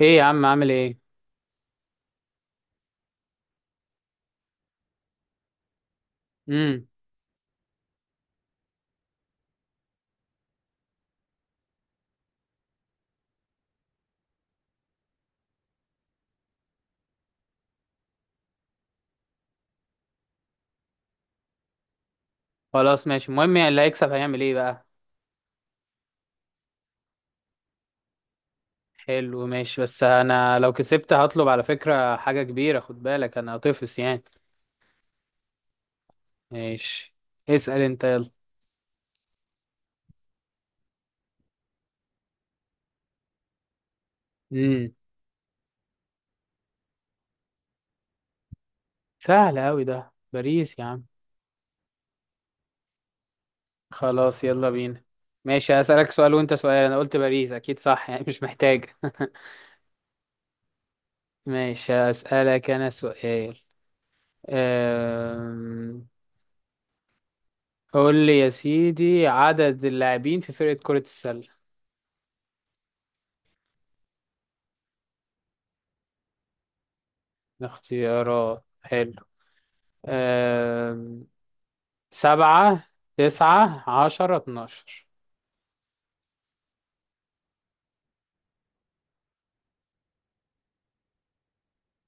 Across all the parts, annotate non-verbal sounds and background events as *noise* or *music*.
ايه يا عم، عامل ايه؟ امم. خلاص ماشي. المهم يعني اللي هيكسب هيعمل ايه بقى؟ حلو ماشي. بس انا لو كسبت هطلب على فكرة حاجة كبيرة، خد بالك انا هطفس يعني. ماشي، اسأل انت يلا. امم. سهل اوي ده، باريس يا عم. خلاص يلا بينا. ماشي هسألك سؤال وانت سؤال. انا قلت باريس اكيد صح يعني، مش محتاج. *laughs* ماشي، هسألك انا سؤال. أم... قول لي يا سيدي، عدد اللاعبين في فرقة كرة السلة؟ اختيارات؟ حلو. آم، سبعة تسعة عشرة اتناشر.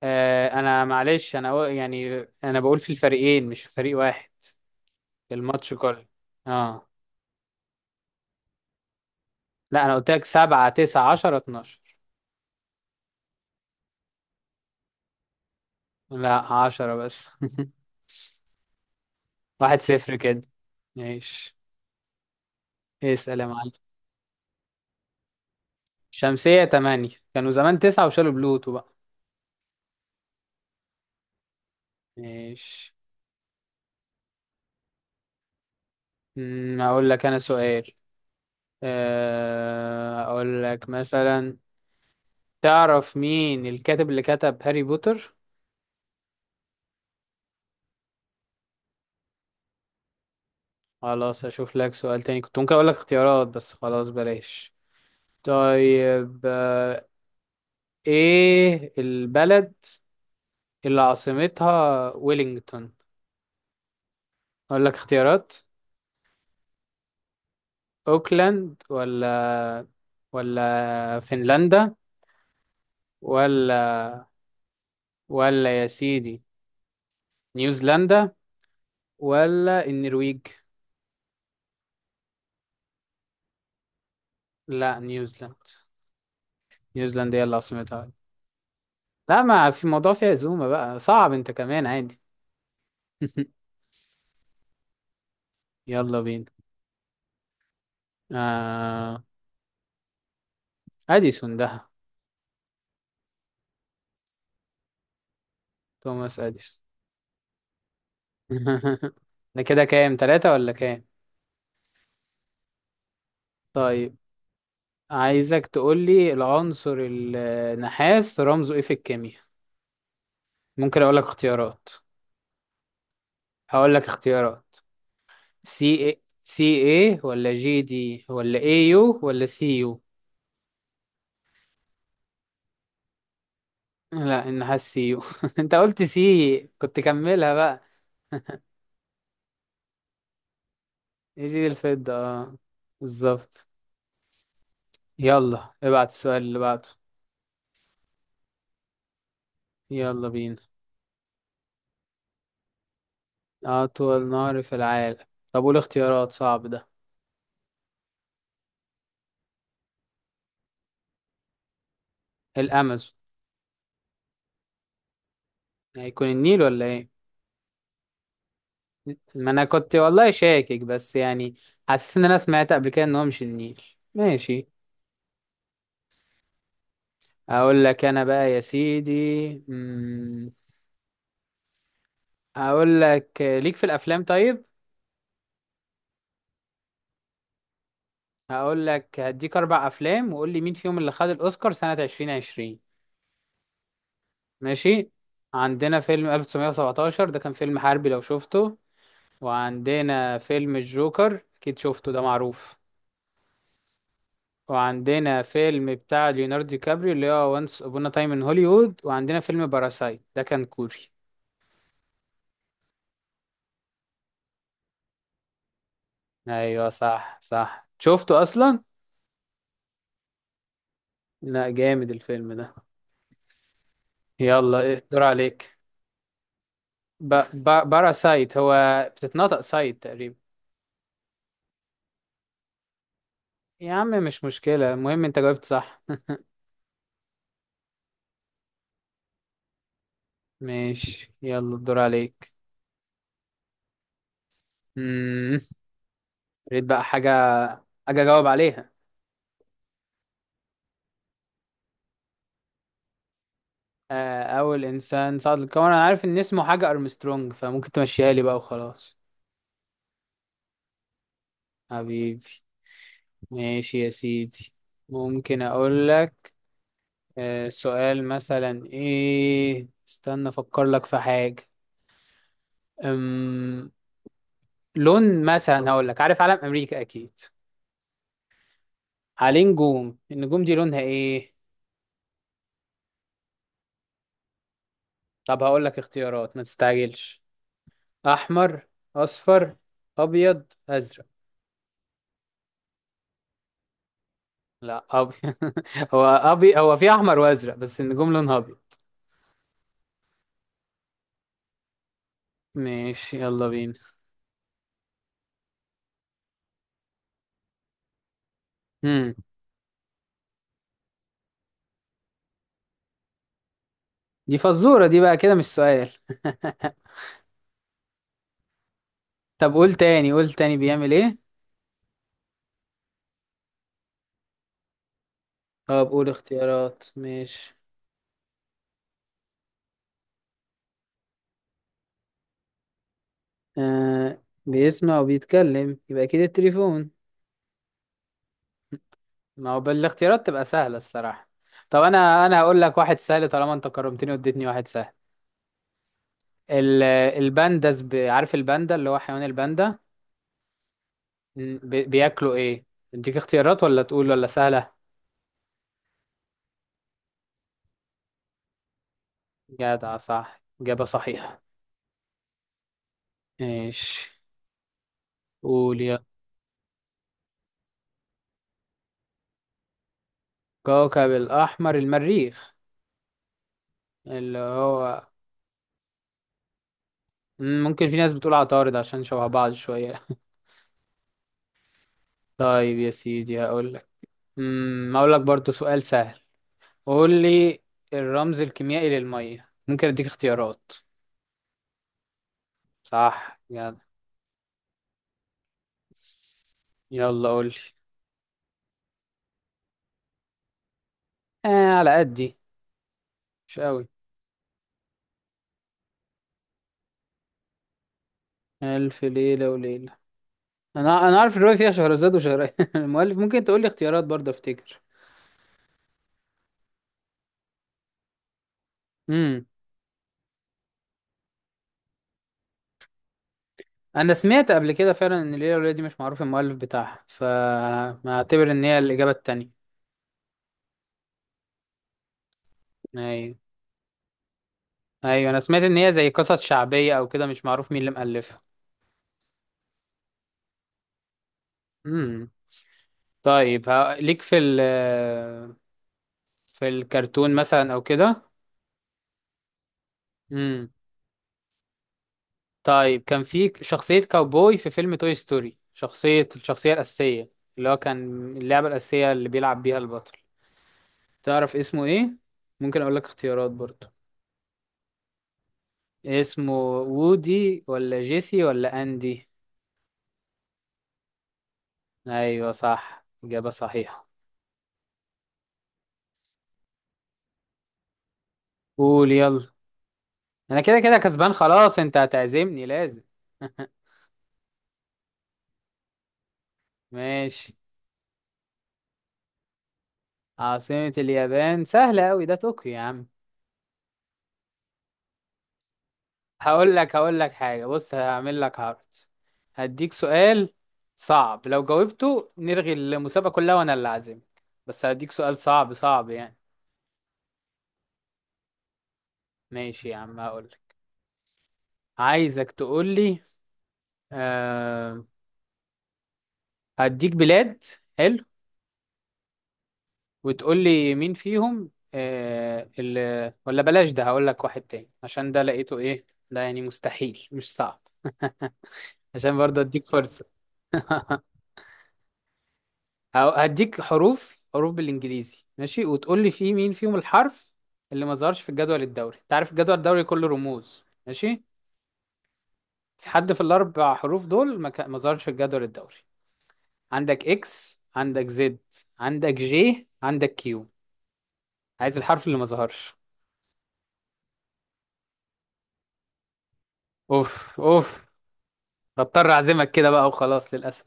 أنا معلش، يعني أنا بقول في الفريقين مش في فريق واحد، في الماتش كله. اه. لا أنا قلت لك سبعة تسعة عشرة اتناشر. لا، 10 بس. *laughs* 1-0 كده. ماشي، اسأل يا معلم. شمسية تمانية، كانوا زمان تسعة وشالوا بلوتو بقى. ماشي. أقول لك أنا سؤال. أقول لك مثلا، تعرف مين الكاتب اللي كتب هاري بوتر؟ خلاص اشوف لك سؤال تاني، كنت ممكن اقول لك اختيارات بس خلاص بلاش. طيب. ايه البلد اللي عاصمتها ويلينغتون؟ اقول لك اختيارات. اوكلاند، ولا فنلندا، ولا ولا يا سيدي نيوزيلندا، ولا النرويج؟ لا، نيوزيلندا هي اللي عاصمتها. لا ما في موضوع، فيها زومة بقى، صعب انت كمان عادي. *laughs* يلا بينا. آه... أديسون ده. توماس أديسون. *laughs* ده كده كام، تلاتة ولا كام؟ طيب، عايزك تقول لي العنصر النحاس رمزه ايه في الكيمياء؟ ممكن اقول لك اختيارات. هقول لك اختيارات. سي ايه ولا جي دي ولا اي يو ولا سي يو؟ لا النحاس سي يو. *laughs* انت قلت سي كنت كملها بقى. اي جي دي الفضة، اه. بالظبط. يلا ابعت السؤال اللي بعده. يلا بينا. أطول نهر في العالم؟ طب قول اختيارات، صعب ده. الأمازون. هيكون النيل ولا إيه؟ ما أنا كنت والله شاكك بس يعني، حسيت إن أنا سمعت قبل كده إن هو مش النيل. ماشي. أقول لك أنا بقى يا سيدي. مم، أقول لك، ليك في الأفلام طيب؟ هقول لك هديك أربع أفلام وقول لي مين فيهم اللي خد الأوسكار سنة 2020، ماشي؟ عندنا فيلم 1917، ده كان فيلم حربي لو شفته. وعندنا فيلم الجوكر أكيد شفته، ده معروف. وعندنا فيلم بتاع ليوناردو دي كابريو اللي هو وانس ابونا تايم ان هوليوود، وعندنا فيلم باراسايت ده كان كوري. ايوه صح صح شفته اصلا. لا جامد الفيلم ده. يلا إيه، الدور عليك. ب... ب... باراسايت هو، بتتنطق سايت تقريبا. يا عم مش مشكلة، المهم انت جاوبت صح. *laughs* ماشي يلا الدور عليك. امم. ريت بقى حاجة، حاجة جاوب عليها. أول إنسان صعد للقمر، أنا عارف إن اسمه حاجة أرمسترونج، فممكن تمشيها لي بقى وخلاص. حبيبي. ماشي يا سيدي. ممكن اقول لك، سؤال مثلا ايه، استنى افكر لك في حاجة. أم... لون مثلا، هقول لك عارف علم امريكا اكيد، عليه نجوم، النجوم دي لونها ايه؟ طب هقول لك اختيارات، ما تستعجلش. احمر، اصفر، ابيض، ازرق. لا، ابيض. *laughs* هو في احمر وازرق، بس النجوم لونها ابيض. ماشي يلا بينا. هم. دي فزورة دي بقى كده مش سؤال. *laughs* طب قول تاني قول تاني بيعمل ايه؟ اه، بقول اختيارات ماشي. آه، بيسمع وبيتكلم يبقى اكيد التليفون. ما هو بالاختيارات تبقى سهلة الصراحة. طب انا هقول لك واحد سهل، طالما انت كرمتني واديتني واحد سهل. ال- البانداس، عارف الباندا اللي هو حيوان الباندا؟ بياكلوا ايه؟ اديك اختيارات ولا تقول ولا سهلة. جدع، صح، إجابة صحيحة. ماشي. قول يا. كوكب الأحمر المريخ، اللي هو. ممكن في ناس بتقول عطارد، عشان شبه بعض شوية. طيب يا سيدي هقول لك، هقول لك برضو سؤال سهل. قول لي، الرمز الكيميائي للمية؟ ممكن اديك اختيارات. صح يلا. يلا قول لي. على قدي، مش قوي. ألف ليلة وليلة. انا عارف الرواية، فيها شهرزاد *laughs* المؤلف ممكن تقول لي اختيارات برضه، افتكر. امم. انا سمعت قبل كده فعلا ان ليلة وليلة دي مش معروف المؤلف بتاعها، فما اعتبر ان هي الإجابة التانية. أيوة. ايوه انا سمعت ان هي زي قصص شعبيه او كده، مش معروف مين اللي مؤلفها. امم. طيب ليك في ال، في الكرتون مثلا او كده. امم. طيب كان في شخصيه كاوبوي في فيلم توي ستوري، شخصيه الشخصيه الاساسيه، اللي هو كان اللعبه الاساسيه اللي بيلعب بيها البطل، تعرف اسمه ايه؟ ممكن اقول لك اختيارات برضو. اسمه وودي ولا جيسي ولا اندي؟ ايوه صح اجابه صحيحه. قول يلا. انا كده كده كسبان خلاص، انت هتعزمني لازم. *laughs* ماشي. عاصمة اليابان سهلة أوي، ده طوكيو يا عم. هقول لك حاجة، بص هعمل لك عرض. هديك سؤال صعب، لو جاوبته نلغي المسابقة كلها وأنا اللي عازمك، بس هديك سؤال صعب صعب يعني. ماشي يا عم هقول لك، عايزك تقول لي، أه هديك بلاد، حلو، وتقول لي مين فيهم، اللي ولا بلاش، ده هقول لك واحد تاني عشان ده لقيته ايه. ده يعني مستحيل مش صعب. *laughs* عشان برضه اديك فرصة. *laughs* هديك حروف حروف بالانجليزي، ماشي؟ وتقول لي فيه مين فيهم الحرف اللي ما ظهرش في الجدول الدوري. انت عارف الجدول الدوري كله رموز، ماشي؟ في حد في الاربع حروف دول ما ظهرش في الجدول الدوري. عندك اكس، عندك زد، عندك جي، عندك كيو. عايز الحرف اللي ما ظهرش. اوف اوف. بضطر اعزمك كده بقى وخلاص للاسف.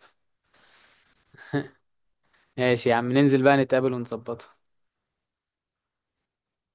ماشي يا عم، ننزل بقى نتقابل ونظبطها.